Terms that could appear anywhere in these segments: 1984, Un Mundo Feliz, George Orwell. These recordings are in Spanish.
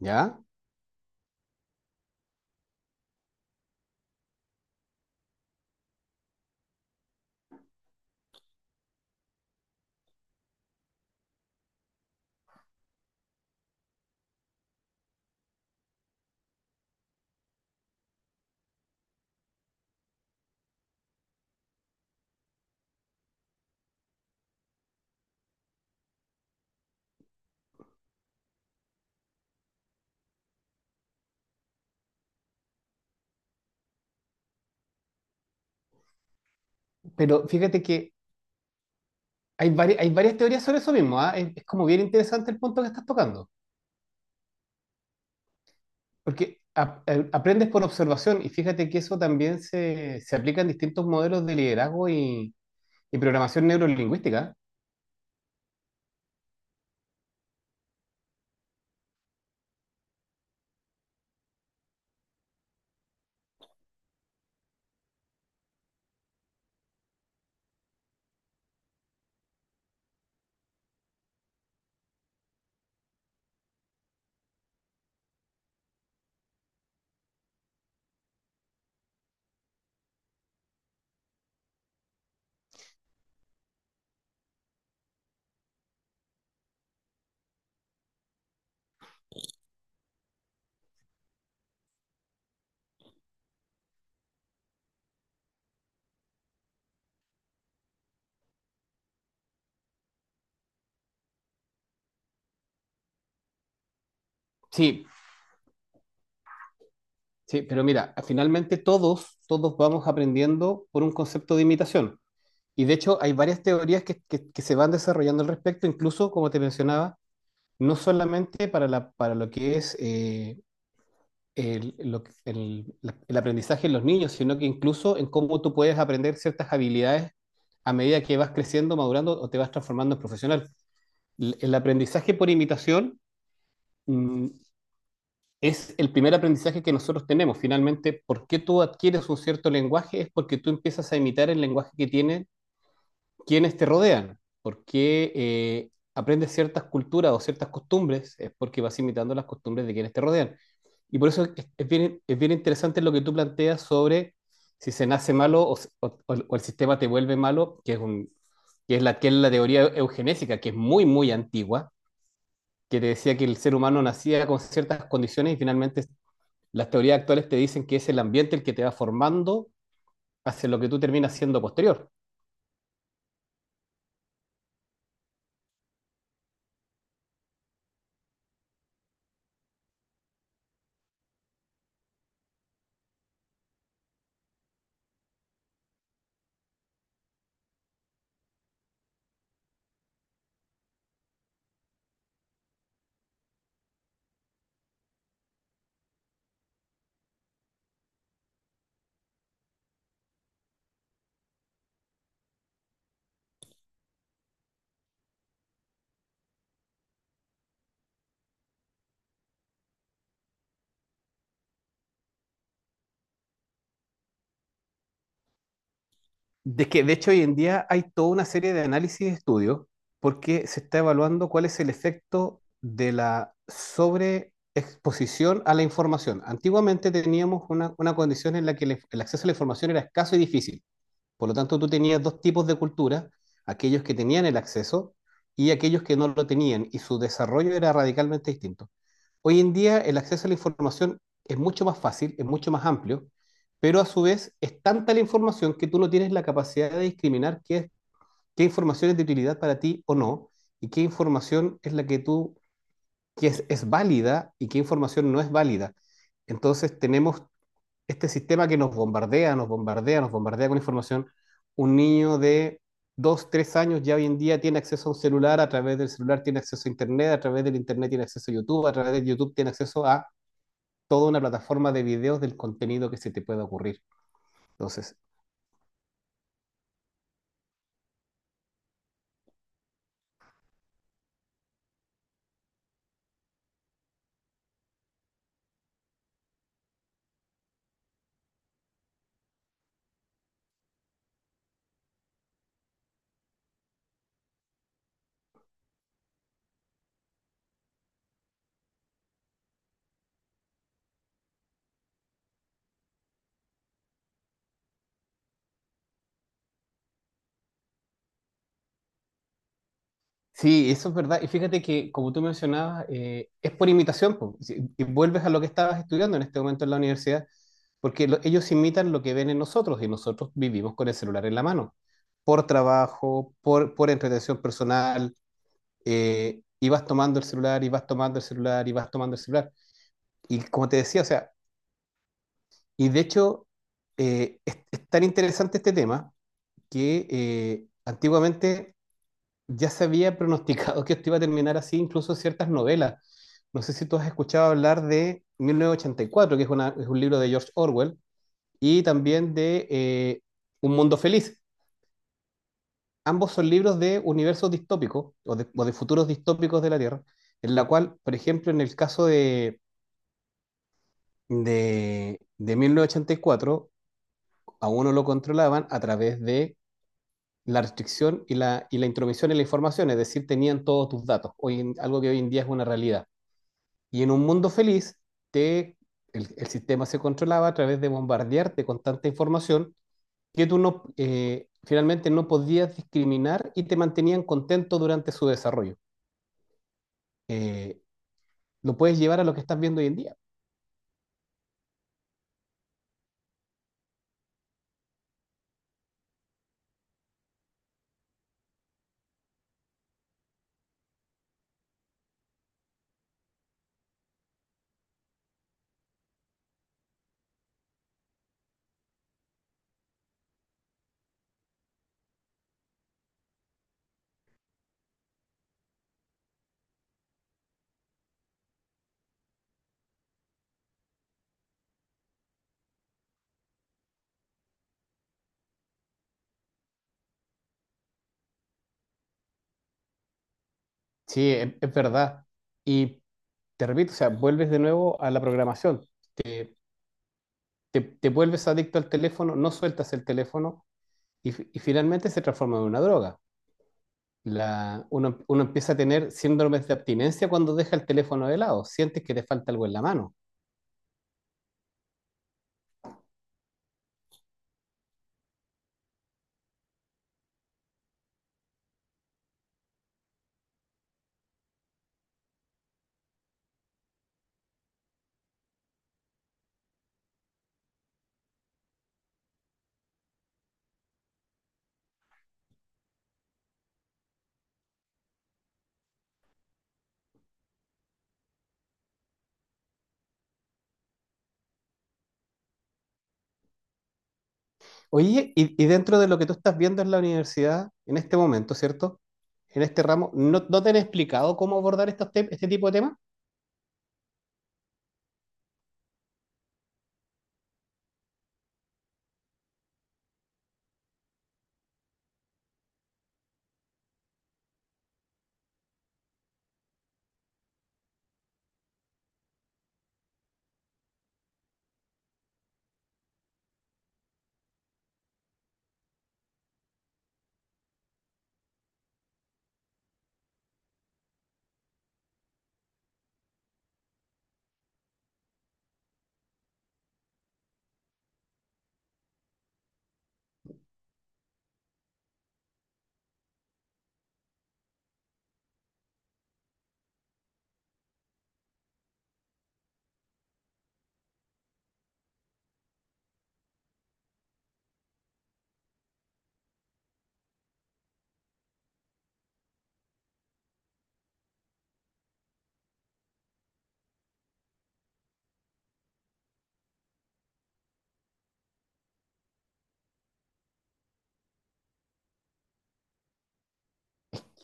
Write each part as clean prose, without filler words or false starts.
¿Ya? Pero fíjate que hay varias teorías sobre eso mismo, ¿ah? Es como bien interesante el punto que estás tocando, porque aprendes por observación y fíjate que eso también se aplica en distintos modelos de liderazgo y programación neurolingüística. Sí, sí, pero mira, finalmente todos vamos aprendiendo por un concepto de imitación. Y de hecho hay varias teorías que se van desarrollando al respecto, incluso, como te mencionaba, no solamente para lo que es... el, lo el- la- el aprendizaje en los niños, sino que incluso en cómo tú puedes aprender ciertas habilidades a medida que vas creciendo, madurando o te vas transformando en profesional. El aprendizaje por imitación, mm, es el primer aprendizaje que nosotros tenemos. Finalmente, ¿por qué tú adquieres un cierto lenguaje? Es porque tú empiezas a imitar el lenguaje que tienen quienes te rodean, porque aprendes ciertas culturas o ciertas costumbres, es porque vas imitando las costumbres de quienes te rodean. Y por eso es bien interesante lo que tú planteas sobre si se nace malo o el sistema te vuelve malo, que es la teoría eugenésica, que es muy antigua, que te decía que el ser humano nacía con ciertas condiciones y finalmente las teorías actuales te dicen que es el ambiente el que te va formando hacia lo que tú terminas siendo posterior. De que de hecho hoy en día hay toda una serie de análisis y estudios porque se está evaluando cuál es el efecto de la sobreexposición a la información. Antiguamente teníamos una condición en la que el acceso a la información era escaso y difícil. Por lo tanto, tú tenías dos tipos de cultura, aquellos que tenían el acceso y aquellos que no lo tenían, y su desarrollo era radicalmente distinto. Hoy en día el acceso a la información es mucho más fácil, es mucho más amplio, pero a su vez es tanta la información que tú no tienes la capacidad de discriminar qué información es de utilidad para ti o no, y qué información es la que es válida y qué información no es válida. Entonces tenemos este sistema que nos bombardea con información. Un niño de dos, tres años ya hoy en día tiene acceso a un celular, a través del celular tiene acceso a Internet, a través del Internet tiene acceso a YouTube, a través de YouTube tiene acceso a toda una plataforma de videos del contenido que se te pueda ocurrir. Entonces, Sí, eso es verdad. Y fíjate que, como tú mencionabas, es por imitación. Po. Si- Y vuelves a lo que estabas estudiando en este momento en la universidad, porque ellos imitan lo que ven en nosotros y nosotros vivimos con el celular en la mano, por trabajo, por entretención personal, y vas tomando el celular, y vas tomando el celular, y vas tomando el celular. Y como te decía, o sea, y de hecho, es tan interesante este tema que antiguamente ya se había pronosticado que esto iba a terminar así, incluso ciertas novelas. No sé si tú has escuchado hablar de 1984, es un libro de George Orwell, y también de Un Mundo Feliz. Ambos son libros de universos distópicos o de futuros distópicos de la Tierra, en la cual, por ejemplo, en el caso de 1984, a uno lo controlaban a través de la restricción y y la intromisión en la información, es decir, tenían todos tus datos, algo que hoy en día es una realidad. Y en un mundo feliz, te, el sistema se controlaba a través de bombardearte con tanta información que tú finalmente no podías discriminar y te mantenían contento durante su desarrollo. Eh, lo puedes llevar a lo que estás viendo hoy en día. Sí, es verdad. Y te repito, o sea, vuelves de nuevo a la programación. Te vuelves adicto al teléfono, no sueltas el teléfono y, y finalmente se transforma en una droga. Uno empieza a tener síndromes de abstinencia cuando deja el teléfono de lado, sientes que te falta algo en la mano. Oye, y dentro de lo que tú estás viendo en la universidad, en este momento, ¿cierto? En este ramo, no te han explicado cómo abordar este tipo de temas?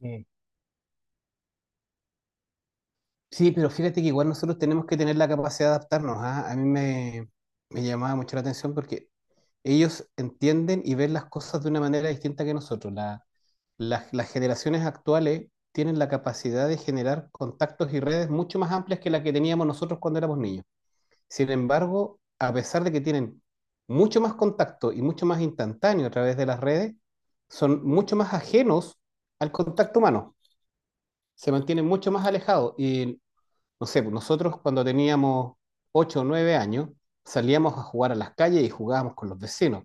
Sí, sí, pero fíjate que igual nosotros tenemos que tener la capacidad de adaptarnos, ¿ah? Me llamaba mucho la atención porque ellos entienden y ven las cosas de una manera distinta que nosotros. Las generaciones actuales tienen la capacidad de generar contactos y redes mucho más amplias que la que teníamos nosotros cuando éramos niños. Sin embargo, a pesar de que tienen mucho más contacto y mucho más instantáneo a través de las redes, son mucho más ajenos al contacto humano. Se mantienen mucho más alejados y no sé, pues nosotros cuando teníamos 8 o nueve años salíamos a jugar a las calles y jugábamos con los vecinos.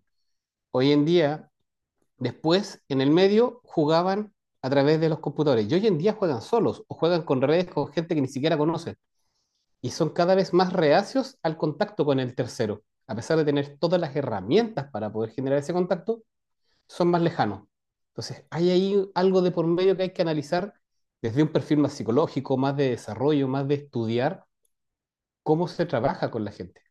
Hoy en día, después, en el medio, jugaban a través de los computadores. Y hoy en día juegan solos o juegan con redes con gente que ni siquiera conocen. Y son cada vez más reacios al contacto con el tercero. A pesar de tener todas las herramientas para poder generar ese contacto, son más lejanos. Entonces, hay ahí algo de por medio que hay que analizar desde un perfil más psicológico, más de desarrollo, más de estudiar cómo se trabaja con la gente.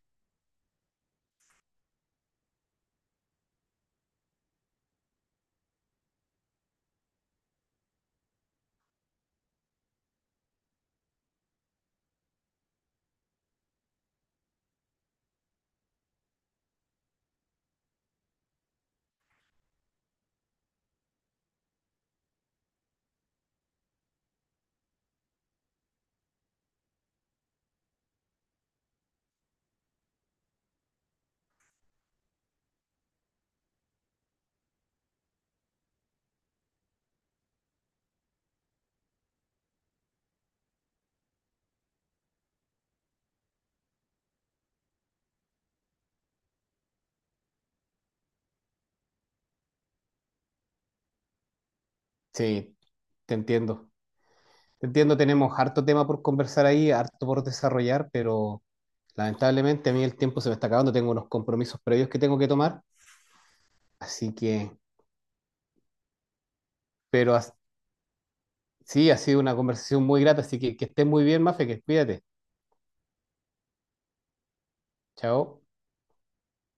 Sí, te entiendo. Te entiendo, tenemos harto tema por conversar ahí, harto por desarrollar, pero lamentablemente a mí el tiempo se me está acabando, tengo unos compromisos previos que tengo que tomar, así que, pero as- sí, ha sido una conversación muy grata, así que estés muy bien, Mafe, que cuídate. Chao.